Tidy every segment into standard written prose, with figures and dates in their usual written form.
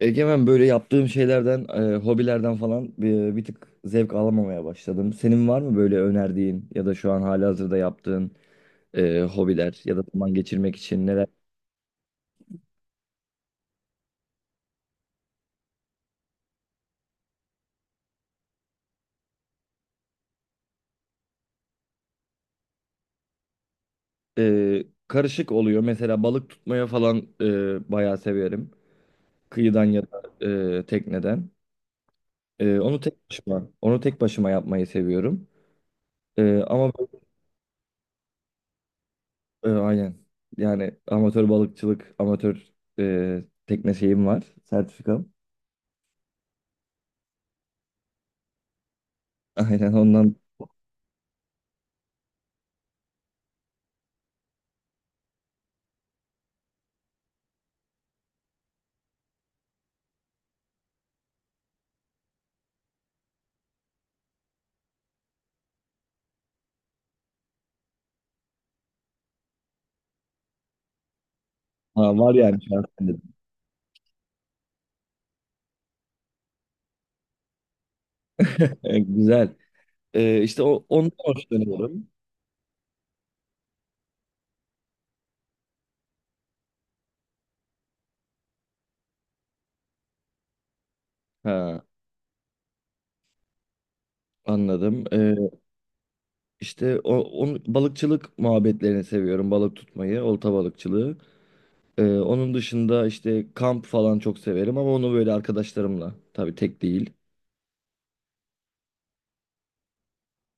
Egemen, böyle yaptığım şeylerden, hobilerden falan bir tık zevk alamamaya başladım. Senin var mı böyle önerdiğin ya da şu an halihazırda yaptığın hobiler ya da zaman geçirmek için neler? Karışık oluyor. Mesela balık tutmaya falan bayağı severim. Kıyıdan ya da tekneden. Onu tek başıma yapmayı seviyorum. E, ama aynen. Yani amatör balıkçılık, amatör tekne şeyim var, sertifikam. Aynen ondan. Ha, var yani şu an sende. Güzel. Ondan hoşlanıyorum. Ha, anladım. Balıkçılık muhabbetlerini seviyorum. Balık tutmayı, olta balıkçılığı. Onun dışında işte kamp falan çok severim, ama onu böyle arkadaşlarımla. Tabii tek değil.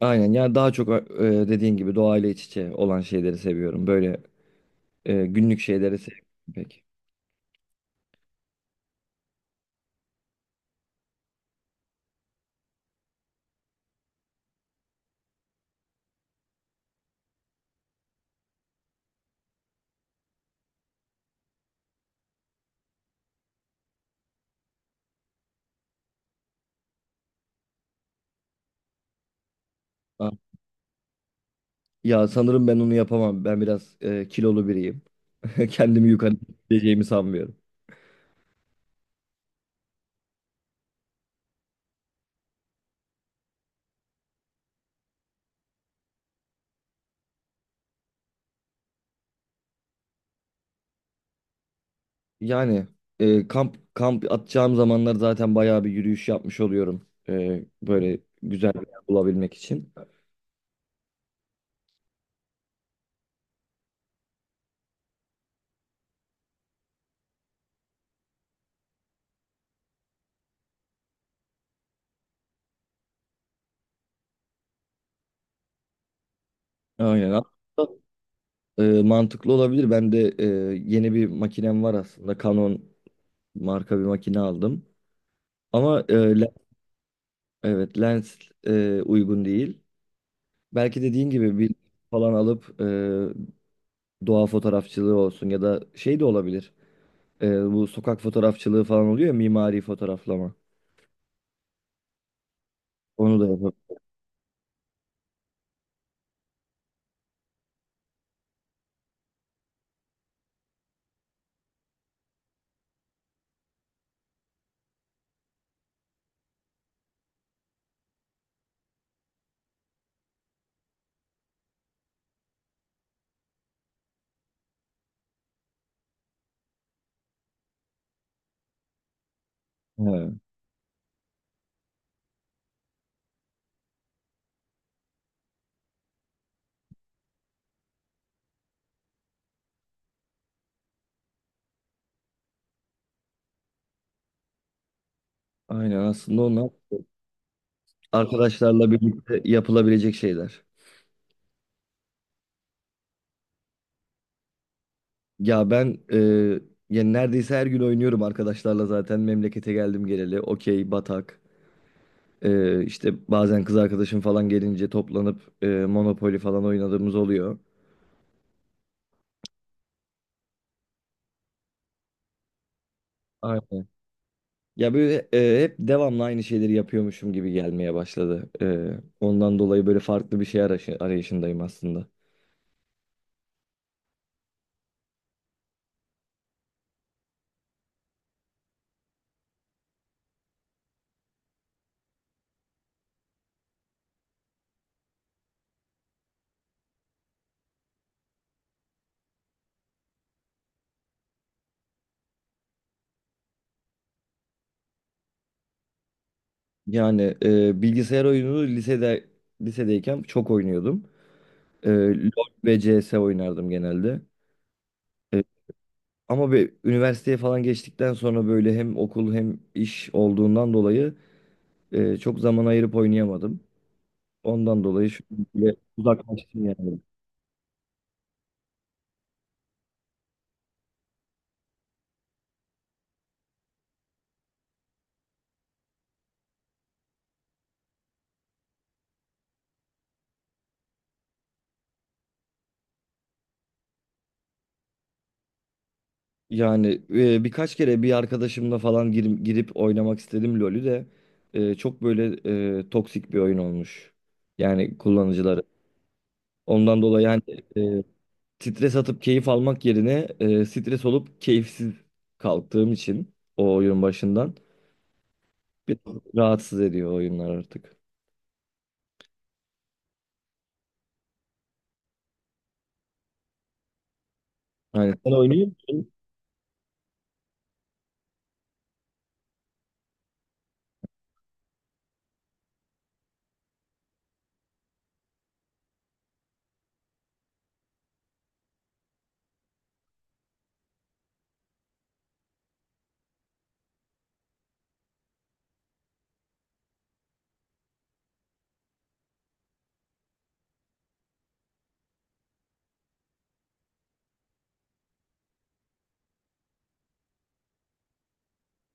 Aynen, yani daha çok dediğin gibi doğayla iç içe olan şeyleri seviyorum. Böyle günlük şeyleri sevmiyorum pek. Ah, ya sanırım ben onu yapamam. Ben biraz kilolu biriyim. Kendimi yukarı çekeceğimi sanmıyorum. Yani kamp atacağım zamanlar zaten bayağı bir yürüyüş yapmış oluyorum. Böyle güzel bir yer bulabilmek için. Aynen. Mantıklı olabilir. Ben de yeni bir makinem var aslında. Canon marka bir makine aldım. Ama evet, lens uygun değil. Belki dediğin gibi bir falan alıp doğa fotoğrafçılığı olsun ya da şey de olabilir. Bu sokak fotoğrafçılığı falan oluyor ya, mimari fotoğraflama. Onu da yapıp. He, aynen, aslında onlar arkadaşlarla birlikte yapılabilecek şeyler. Ya ben e, Yani neredeyse her gün oynuyorum arkadaşlarla zaten memlekete geldim geleli. Okey, batak. İşte bazen kız arkadaşım falan gelince toplanıp Monopoly falan oynadığımız oluyor. Aynen. Ya böyle hep devamlı aynı şeyleri yapıyormuşum gibi gelmeye başladı. Ondan dolayı böyle farklı bir şey arayışındayım aslında. Yani bilgisayar oyununu lisedeyken çok oynuyordum. LoL ve CS oynardım genelde. Ama bir üniversiteye falan geçtikten sonra böyle hem okul hem iş olduğundan dolayı çok zaman ayırıp oynayamadım. Ondan dolayı şu an bile uzaklaştım yani. Yani birkaç kere bir arkadaşımla falan girip oynamak istedim LoL'ü de. e, çok böyle toksik bir oyun olmuş. Yani kullanıcıları. Ondan dolayı hani e, stres atıp keyif almak yerine stres olup keyifsiz kalktığım için o oyun başından bir rahatsız ediyor oyunlar artık. Aynen. Sen oynuyor musun?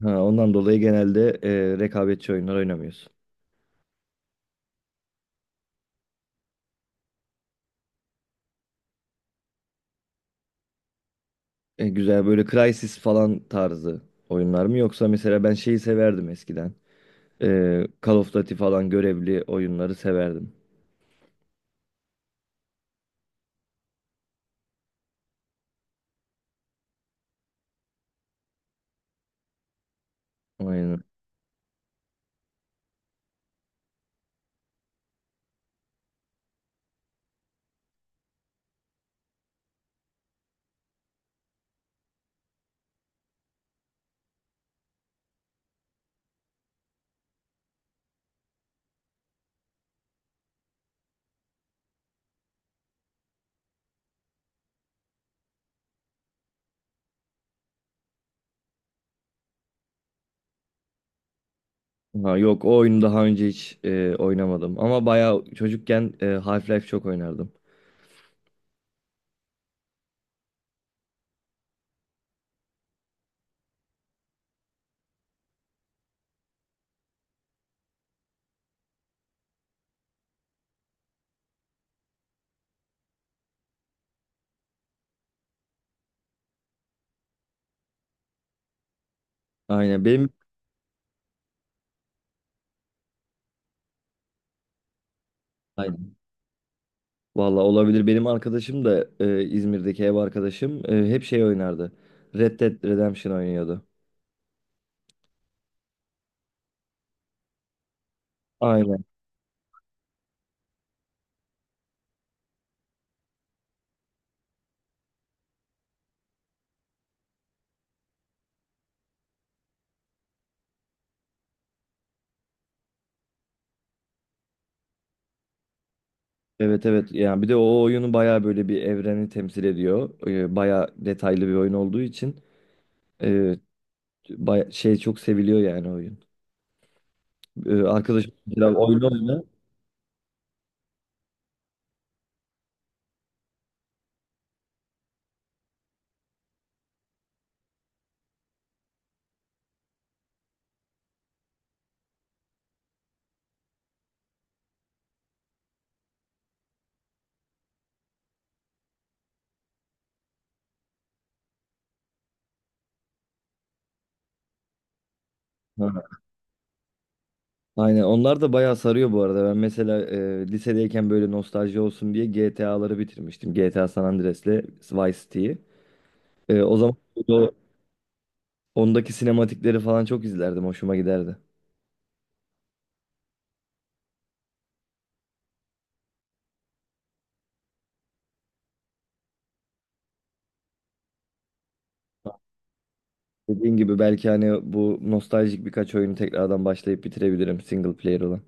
Ha, ondan dolayı genelde rekabetçi oyunlar oynamıyorsun. Güzel, böyle Crysis falan tarzı oyunlar mı? Yoksa mesela ben şeyi severdim eskiden. E, Call of Duty falan görevli oyunları severdim. Aynen. Ha, yok, o oyunu daha önce hiç oynamadım. Ama bayağı çocukken Half-Life çok oynardım. Aynen benim... Aynen. Valla olabilir. Benim arkadaşım da İzmir'deki ev arkadaşım hep şey oynardı. Red Dead Redemption oynuyordu. Aynen. Evet, evet, yani bir de o oyunu bayağı böyle bir evreni temsil ediyor. Bayağı detaylı bir oyun olduğu için e, şey, çok seviliyor yani oyun. Arkadaşım mesela oyunu oyna. Ha. Aynen, onlar da bayağı sarıyor bu arada. Ben mesela lisedeyken böyle nostalji olsun diye GTA'ları bitirmiştim. GTA San Andreas'le Vice City'yi. O zaman o, ondaki sinematikleri falan çok izlerdim. Hoşuma giderdi. Dediğin gibi belki hani bu nostaljik birkaç oyunu tekrardan başlayıp bitirebilirim, single player olan.